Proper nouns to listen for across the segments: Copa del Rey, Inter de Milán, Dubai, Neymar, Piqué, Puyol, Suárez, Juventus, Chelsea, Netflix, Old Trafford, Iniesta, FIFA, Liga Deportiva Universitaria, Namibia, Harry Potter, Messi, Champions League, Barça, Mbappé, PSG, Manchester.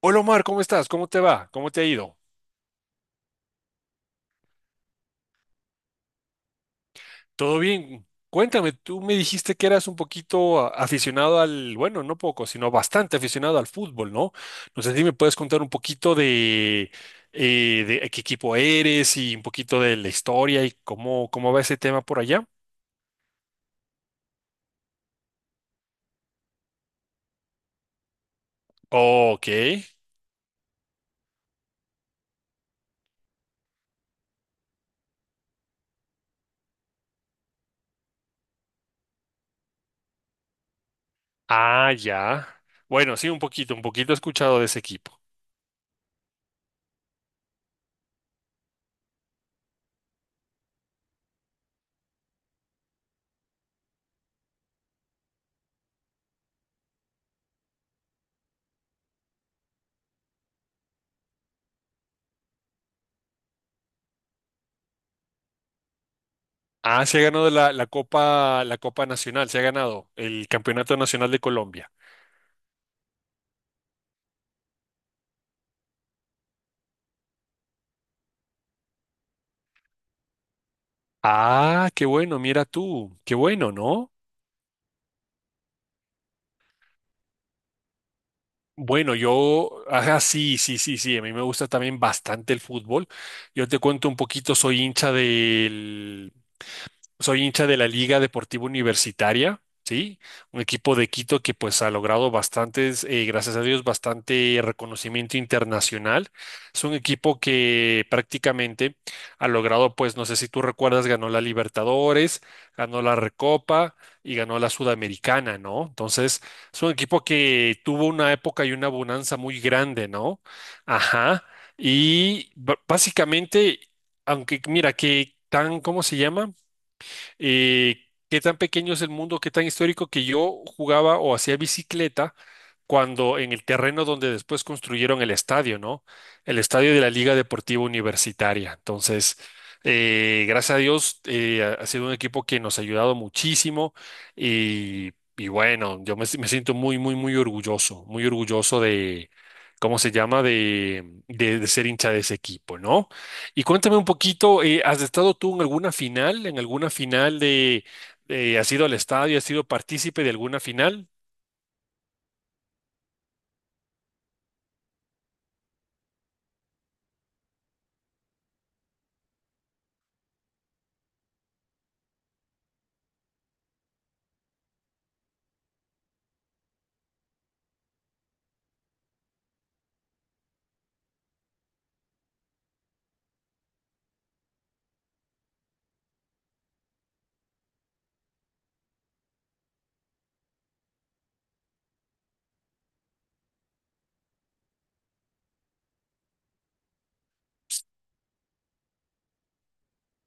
Hola Omar, ¿cómo estás? ¿Cómo te va? ¿Cómo te ha ido? ¿Todo bien? Cuéntame, tú me dijiste que eras un poquito aficionado al, bueno, no poco, sino bastante aficionado al fútbol, ¿no? No sé si me puedes contar un poquito de qué equipo eres y un poquito de la historia y cómo, cómo va ese tema por allá. Ok. Ah, ya. Bueno, sí, un poquito he escuchado de ese equipo. Ah, se ha ganado la Copa Nacional, se ha ganado el Campeonato Nacional de Colombia. Ah, qué bueno, mira tú, qué bueno, ¿no? Bueno, yo, ajá, sí, sí, sí, sí, a mí me gusta también bastante el fútbol. Yo te cuento un poquito, Soy hincha de la Liga Deportiva Universitaria, ¿sí? Un equipo de Quito que pues ha logrado bastantes, gracias a Dios, bastante reconocimiento internacional. Es un equipo que prácticamente ha logrado, pues no sé si tú recuerdas, ganó la Libertadores, ganó la Recopa y ganó la Sudamericana, ¿no? Entonces, es un equipo que tuvo una época y una bonanza muy grande, ¿no? Ajá. Y básicamente, aunque mira, que tan, ¿cómo se llama? eh, qué tan pequeño es el mundo, qué tan histórico que yo jugaba o hacía bicicleta cuando en el terreno donde después construyeron el estadio, ¿no? El estadio de la Liga Deportiva Universitaria. Entonces, gracias a Dios, ha ha sido un equipo que nos ha ayudado muchísimo y, bueno, si, me siento muy, muy, muy orgulloso de, ¿cómo se llama? De ser hincha de ese equipo, ¿no? Y cuéntame un poquito, ¿has estado tú en alguna final? ¿En alguna final de, has ido al estadio, has sido partícipe de alguna final?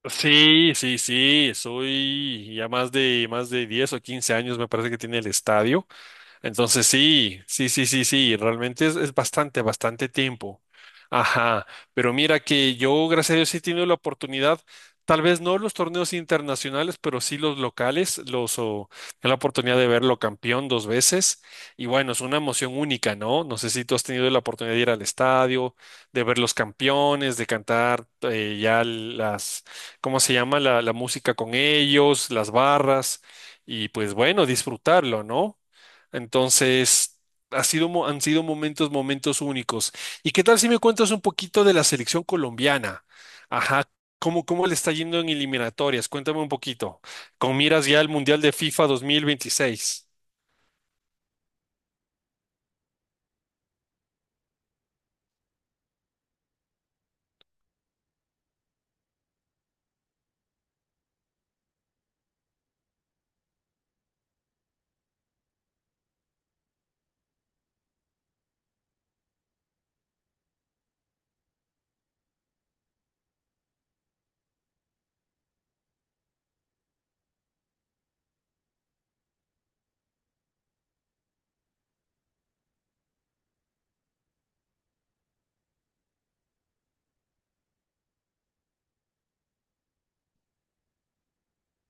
Sí, sí, sí, soy ya más de 10 o 15 años me parece que tiene el estadio. Entonces sí, sí, sí, sí, sí, realmente es bastante, bastante tiempo. Ajá, pero mira que yo, gracias a Dios, sí he tenido la oportunidad, tal vez no los torneos internacionales, pero sí los locales, la oportunidad de verlo campeón dos veces. Y bueno, es una emoción única, ¿no? No sé si tú has tenido la oportunidad de ir al estadio, de ver los campeones, de cantar ya las, ¿cómo se llama? La música con ellos, las barras, y pues bueno, disfrutarlo, ¿no? Entonces, han sido momentos, momentos únicos. ¿Y qué tal si me cuentas un poquito de la selección colombiana? Ajá, ¿cómo, cómo le está yendo en eliminatorias? Cuéntame un poquito. Con miras ya al Mundial de FIFA 2026.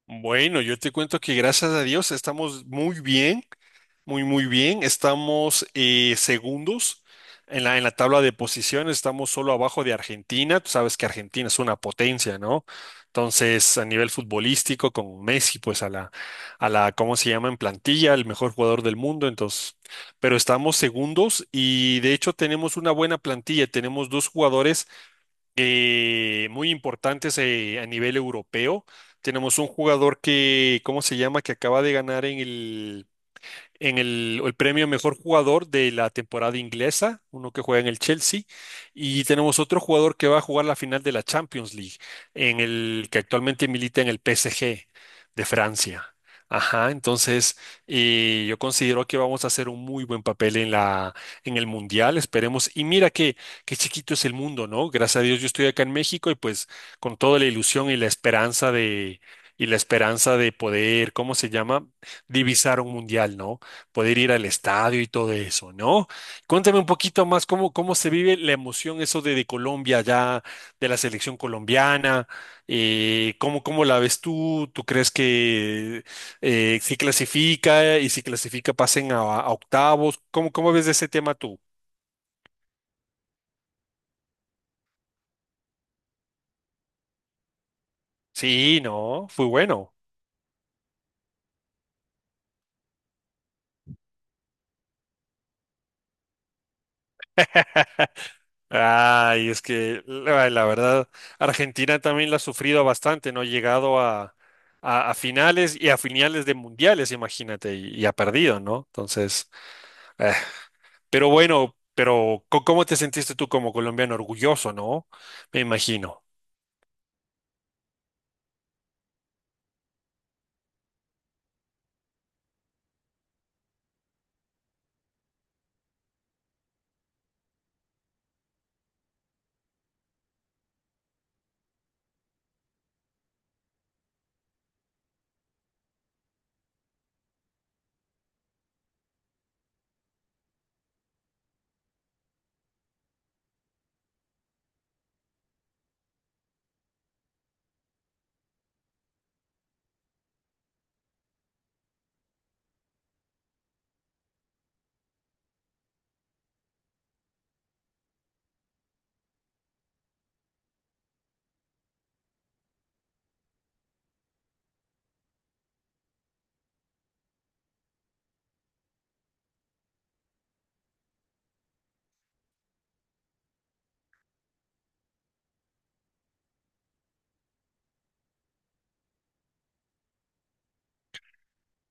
Bueno, yo te cuento que gracias a Dios estamos muy bien, muy, muy bien. Estamos segundos en la tabla de posiciones, estamos solo abajo de Argentina. Tú sabes que Argentina es una potencia, ¿no? Entonces, a nivel futbolístico, con Messi, pues ¿cómo se llama? En plantilla, el mejor jugador del mundo. Entonces, pero estamos segundos y de hecho tenemos una buena plantilla. Tenemos dos jugadores muy importantes a nivel europeo. Tenemos un jugador que, ¿cómo se llama? Que acaba de ganar en el, el premio mejor jugador de la temporada inglesa, uno que juega en el Chelsea, y tenemos otro jugador que va a jugar la final de la Champions League, en el que actualmente milita en el PSG de Francia. Ajá, entonces yo considero que vamos a hacer un muy buen papel en la, en el mundial, esperemos. Y mira que qué chiquito es el mundo, ¿no? Gracias a Dios yo estoy acá en México y pues con toda la ilusión y la esperanza de poder, ¿cómo se llama? Divisar un mundial, ¿no? Poder ir al estadio y todo eso, ¿no? Cuéntame un poquito más cómo, cómo se vive la emoción eso de Colombia ya, de la selección colombiana, cómo, cómo la ves tú, ¿tú crees que si clasifica y si clasifica pasen a octavos? ¿Cómo, cómo ves de ese tema tú? Sí, no, fue bueno. Ay, es que la verdad, Argentina también la ha sufrido bastante, no ha llegado a, a finales y a finales de mundiales, imagínate, y ha perdido, ¿no? Entonces, eh, pero bueno, pero ¿cómo te sentiste tú como colombiano? Orgulloso, ¿no? Me imagino.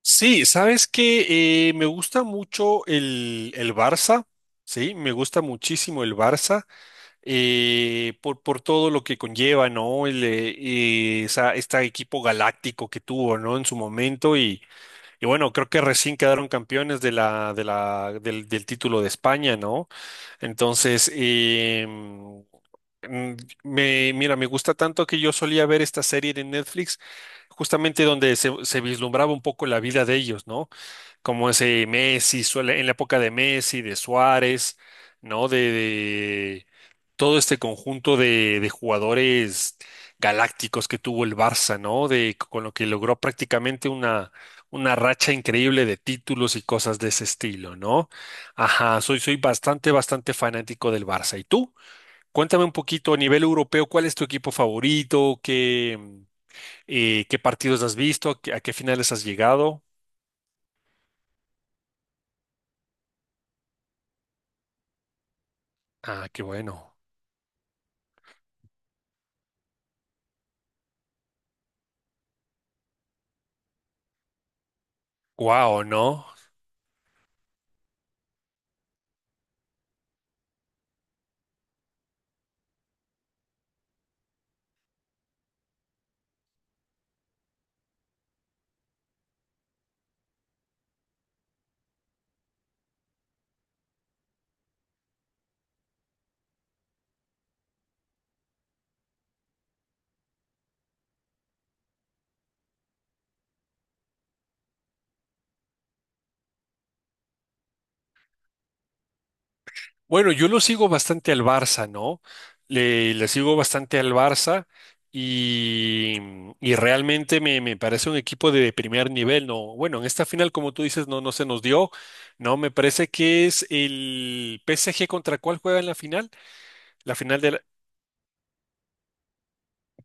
Sí, sabes que me gusta mucho el Barça, sí, me gusta muchísimo el Barça. Por todo lo que conlleva, ¿no? Este equipo galáctico que tuvo, ¿no? En su momento y bueno, creo que recién quedaron campeones de la, del título de España, ¿no? Entonces, mm, mira, me gusta tanto que yo solía ver esta serie de Netflix, justamente donde se vislumbraba un poco la vida de ellos, ¿no? Como ese Messi, suele, en la época de Messi, de Suárez, ¿no? De todo este conjunto de jugadores galácticos que tuvo el Barça, ¿no? De, con lo que logró prácticamente una racha increíble de títulos y cosas de ese estilo, ¿no? Ajá, soy, soy bastante, bastante fanático del Barça. ¿Y tú? Cuéntame un poquito a nivel europeo, ¿cuál es tu equipo favorito? ¿Qué, qué partidos has visto? ¿A qué finales has llegado? Ah, qué bueno. Wow, ¿no? Bueno, yo lo sigo bastante al Barça, ¿no? Le sigo bastante al Barça y, realmente me, me parece un equipo de primer nivel, ¿no? Bueno, en esta final, como tú dices, no, no se nos dio, ¿no? Me parece que es el PSG contra cuál juega en la final del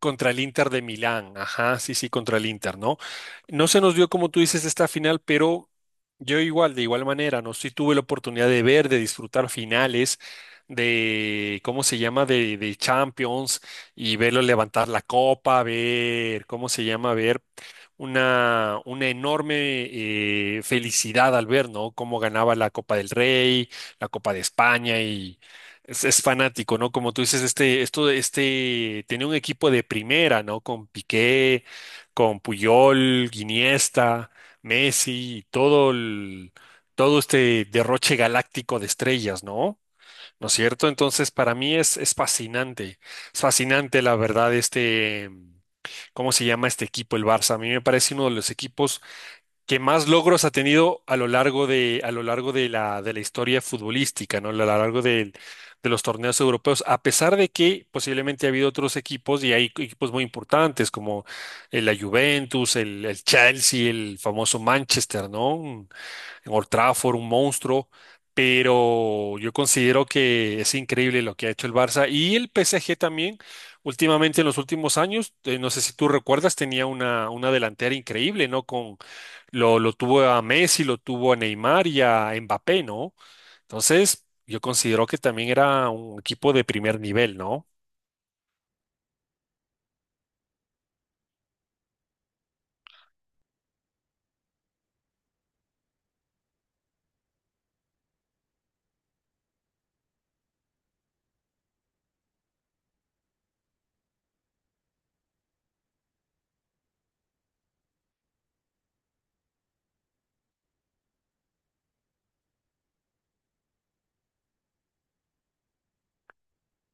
Contra el Inter de Milán, ajá, sí, sí, contra el Inter, ¿no? No se nos dio, como tú dices, esta final, pero yo igual, de igual manera, ¿no? Sí tuve la oportunidad de ver, de disfrutar finales, de, ¿cómo se llama?, de Champions, y verlo levantar la copa, ver, ¿cómo se llama?, ver una enorme felicidad al ver, ¿no? Cómo ganaba la Copa del Rey, la Copa de España y es fanático, ¿no? Como tú dices, este, tenía un equipo de primera, ¿no? Con Piqué, con Puyol, Iniesta, Messi, y todo el, todo este derroche galáctico de estrellas, ¿no? ¿No es cierto? Entonces, para mí es fascinante, la verdad, este. ¿Cómo se llama este equipo, el Barça? A mí me parece uno de los equipos que más logros ha tenido a lo largo de, a lo largo de la historia futbolística, ¿no? A lo largo del- de, los torneos europeos, a pesar de que posiblemente ha habido otros equipos y hay equipos muy importantes como la Juventus, el Chelsea, el famoso Manchester, ¿no? En Old Trafford, un monstruo, pero yo considero que es increíble lo que ha hecho el Barça y el PSG también. Últimamente, en los últimos años, no sé si tú recuerdas, tenía una delantera increíble, ¿no? Con, lo tuvo a Messi, lo tuvo a Neymar y a Mbappé, ¿no? Entonces, yo considero que también era un equipo de primer nivel, ¿no?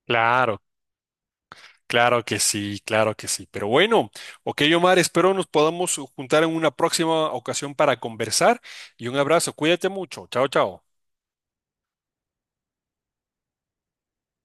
Claro, claro que sí, claro que sí. Pero bueno, ok, Omar, espero nos podamos juntar en una próxima ocasión para conversar y un abrazo. Cuídate mucho. Chao, chao.